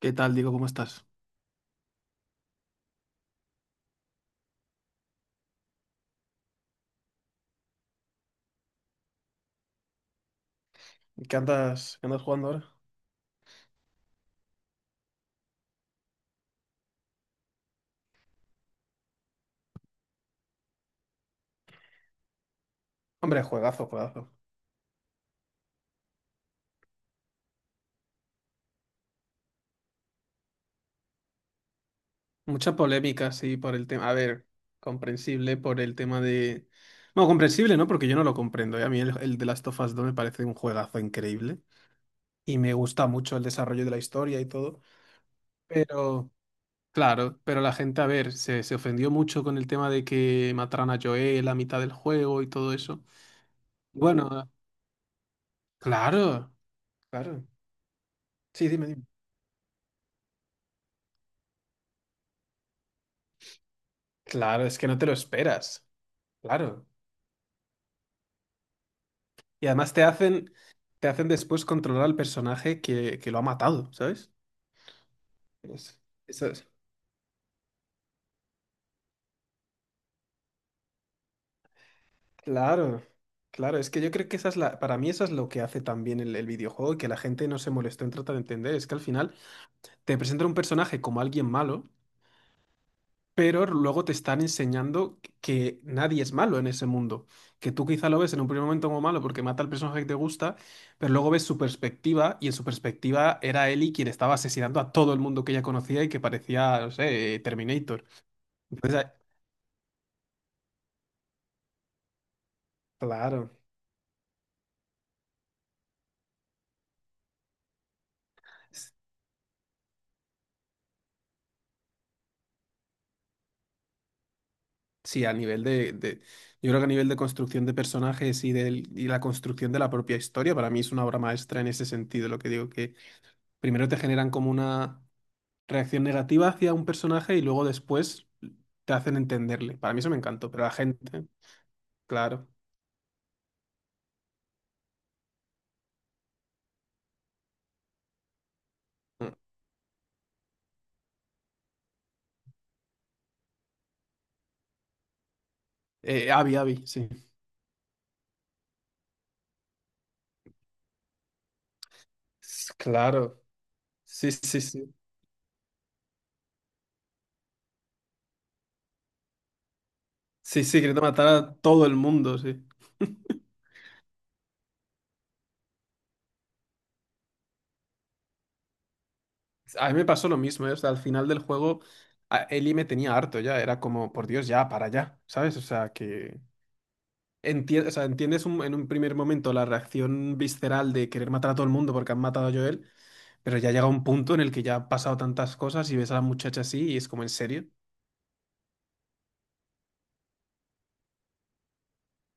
¿Qué tal, Diego? ¿Cómo estás? ¿Qué andas jugando ahora? Hombre, juegazo, juegazo. Mucha polémica, sí, por el tema. A ver, comprensible por el tema de. Bueno, comprensible, ¿no? Porque yo no lo comprendo. ¿Eh? A mí el The Last of Us 2 me parece un juegazo increíble. Y me gusta mucho el desarrollo de la historia y todo. Pero, claro, pero la gente, a ver, se ofendió mucho con el tema de que mataran a Joel a mitad del juego y todo eso. Bueno, claro, claro. Sí, dime, dime. Claro, es que no te lo esperas. Claro, y además te hacen después controlar al personaje que lo ha matado, ¿sabes? Es- eso es- Claro, claro, es que yo creo que esa es la, para mí eso es lo que hace también el videojuego y que la gente no se molestó en tratar de entender, es que al final te presenta un personaje como alguien malo, pero luego te están enseñando que nadie es malo en ese mundo. Que tú quizá lo ves en un primer momento como malo porque mata al personaje que te gusta, pero luego ves su perspectiva y en su perspectiva era Ellie quien estaba asesinando a todo el mundo que ella conocía y que parecía, no sé, Terminator. Entonces, ah, claro. S- Sí, a nivel yo creo que a nivel de construcción de personajes y la construcción de la propia historia, para mí es una obra maestra en ese sentido. Lo que digo que primero te generan como una reacción negativa hacia un personaje y luego después te hacen entenderle. Para mí eso me encantó, pero la gente, claro. Abby, Abby, sí. Claro. Sí, sí, sí. Sí, sí, queriendo matar a todo el mundo, sí. A mí me pasó lo mismo, ¿eh? O sea, al final del juego, Ellie me tenía harto ya. Era como, por Dios, ya, para allá, ¿sabes? O sea, que... o sea, en un primer momento la reacción visceral de querer matar a todo el mundo porque han matado a Joel, pero ya llega un punto en el que ya han pasado tantas cosas y ves a la muchacha así y es como, ¿en serio?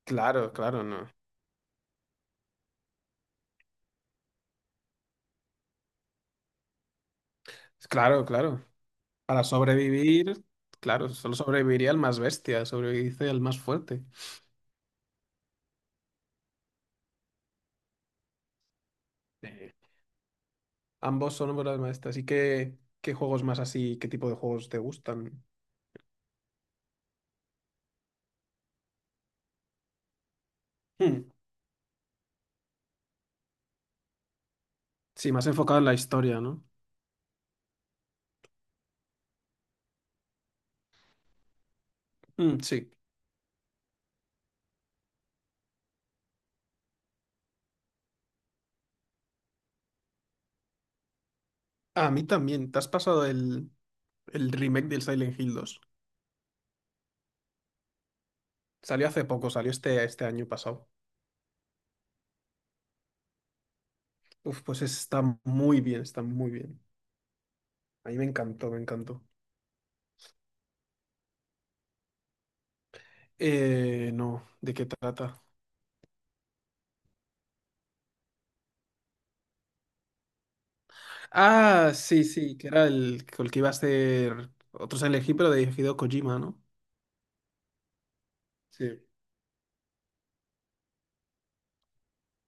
Claro, claro, no. Claro, claro. Para sobrevivir, claro, solo sobreviviría el más bestia, sobrevive el más fuerte. Eh, Ambos son obras maestras. ¿Y qué, qué juegos más así, qué tipo de juegos te gustan? Hmm, sí, más enfocado en la historia, ¿no? Hmm, sí. A mí también. ¿Te has pasado el remake del Silent Hill dos? Salió hace poco, salió este, este año pasado. Uf, pues está muy bien, está muy bien. A mí me encantó, me encantó. No, ¿de qué trata? Ah, sí, sí, que era el que iba a ser otro Silent Hill, pero de Hideo Kojima, ¿no? Sí.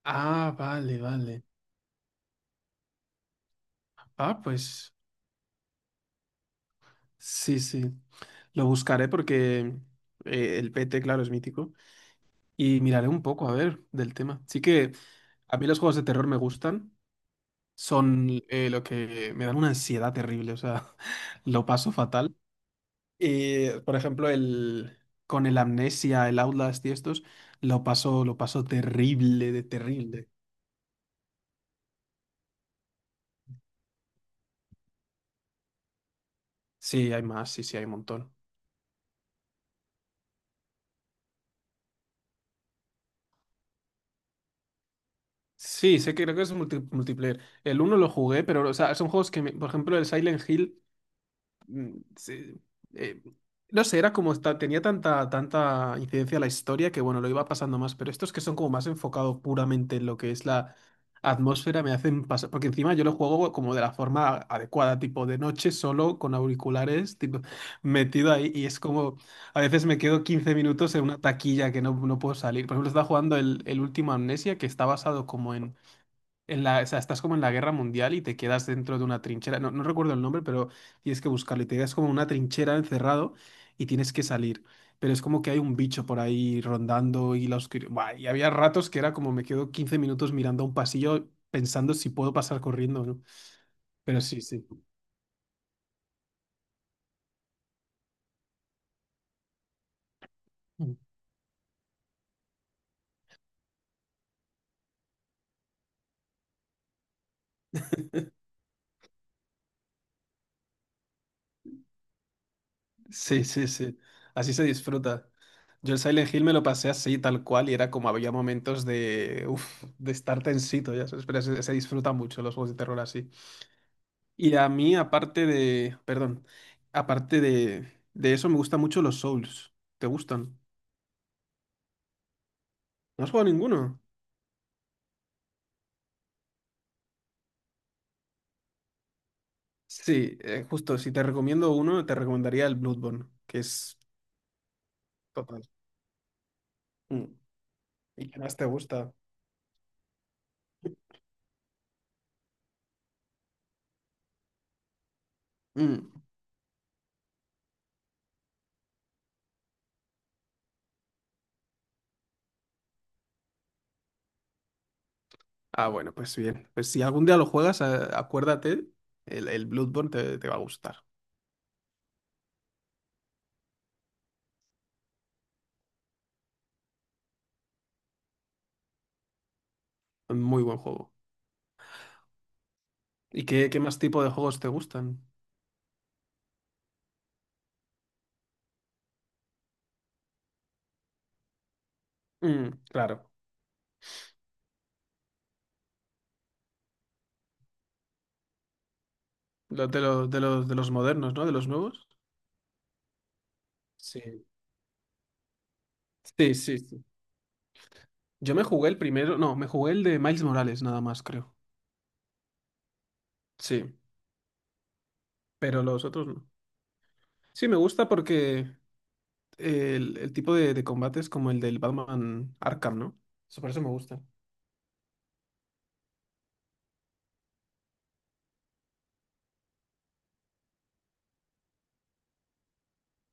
Ah, vale, vale. Ah, pues sí, sí. Lo buscaré porque el P T claro, es mítico. Y miraré un poco, a ver, del tema. Sí que a mí los juegos de terror me gustan. Son lo que me dan una ansiedad terrible, o sea, lo paso fatal. Y, por ejemplo, con el Amnesia, el Outlast y estos, lo paso terrible, de terrible. Sí, hay más, sí, sí, hay un montón. Sí, sé que creo que es multiplayer. El uno lo jugué, pero, o sea, son juegos que, por ejemplo, el Silent Hill mm, sí, eh, no sé, era como tenía tanta, tanta incidencia la historia que bueno, lo iba pasando más, pero estos que son como más enfocados puramente en lo que es la atmósfera me hacen pasar, porque encima yo lo juego como de la forma adecuada, tipo de noche solo con auriculares, tipo, metido ahí y es como, a veces me quedo 15 minutos en una taquilla que no, no puedo salir. Por ejemplo, estaba jugando el último Amnesia que está basado como en la, o sea, estás como en la guerra mundial y te quedas dentro de una trinchera. No, no recuerdo el nombre, pero tienes que buscarlo. Y te quedas como en una trinchera encerrado y tienes que salir. Pero es como que hay un bicho por ahí rondando y la oscuridad. Buah, y había ratos que era como me quedo 15 minutos mirando a un pasillo pensando si puedo pasar corriendo o no. Pero sí, sí. Mm. Sí, sí, sí. Así se disfruta. Yo el Silent Hill me lo pasé así, tal cual, y era como había momentos de, uf, de estar tensito, ya sabes, pero se disfruta mucho los juegos de terror así. Y a mí, aparte de, perdón, aparte de eso, me gustan mucho los Souls. ¿Te gustan? ¿No has jugado ninguno? Sí, justo, si te recomiendo uno, te recomendaría el Bloodborne, que es total. Mm. ¿Y qué más te gusta? Mm. Ah, bueno, pues bien. Pues si algún día lo juegas, acuérdate, el Bloodborne te va a gustar. Muy buen juego. ¿Y qué, qué más tipo de juegos te gustan? Mm, claro. Los de los, de los, de los modernos, ¿no? De los nuevos. Sí. Sí, sí, sí. Yo me jugué el primero, no, me jugué el de Miles Morales nada más, creo. Sí, pero los otros no. Sí, me gusta porque el tipo de combate es como el del Batman Arkham, ¿no? Eso por eso me gusta.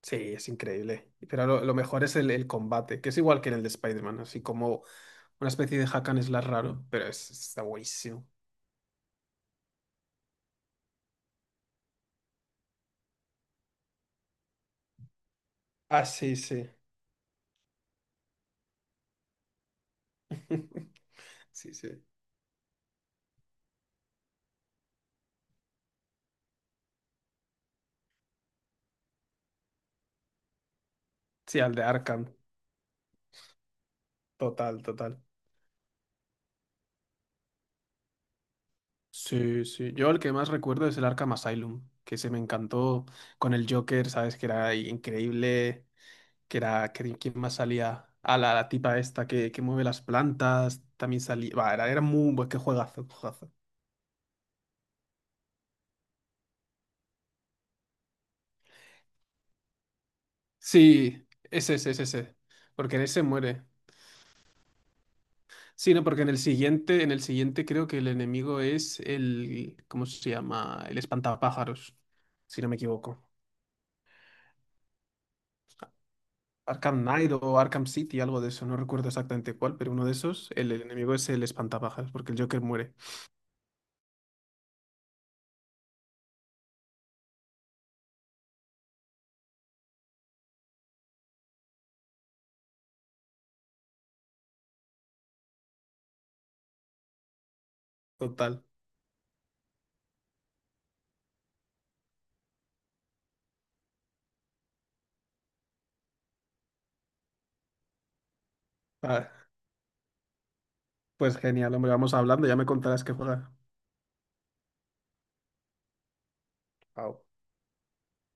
Sí, es increíble. Pero lo mejor es el combate, que es igual que en el de Spider-Man, así como una especie de hack and slash raro, pero es, está buenísimo. Ah, sí, sí. Sí, sí. Sí, al de Arkham. Total, total. Sí, sí. Yo el que más recuerdo es el Arkham Asylum, que se me encantó con el Joker, ¿sabes? Que era increíble, que era que, quién más salía a la, la tipa esta que mueve las plantas, también salía, va, era, era muy buen, qué juegazo, juegazo. Sí, ese, porque en ese muere. Sí, no, porque en el siguiente creo que el enemigo es el, ¿cómo se llama? El espantapájaros, si no me equivoco. Arkham Knight o Arkham City, algo de eso, no recuerdo exactamente cuál, pero uno de esos, el enemigo es el espantapájaros, porque el Joker muere. Total. Ah, pues genial, hombre, vamos hablando, ya me contarás qué juega. Au.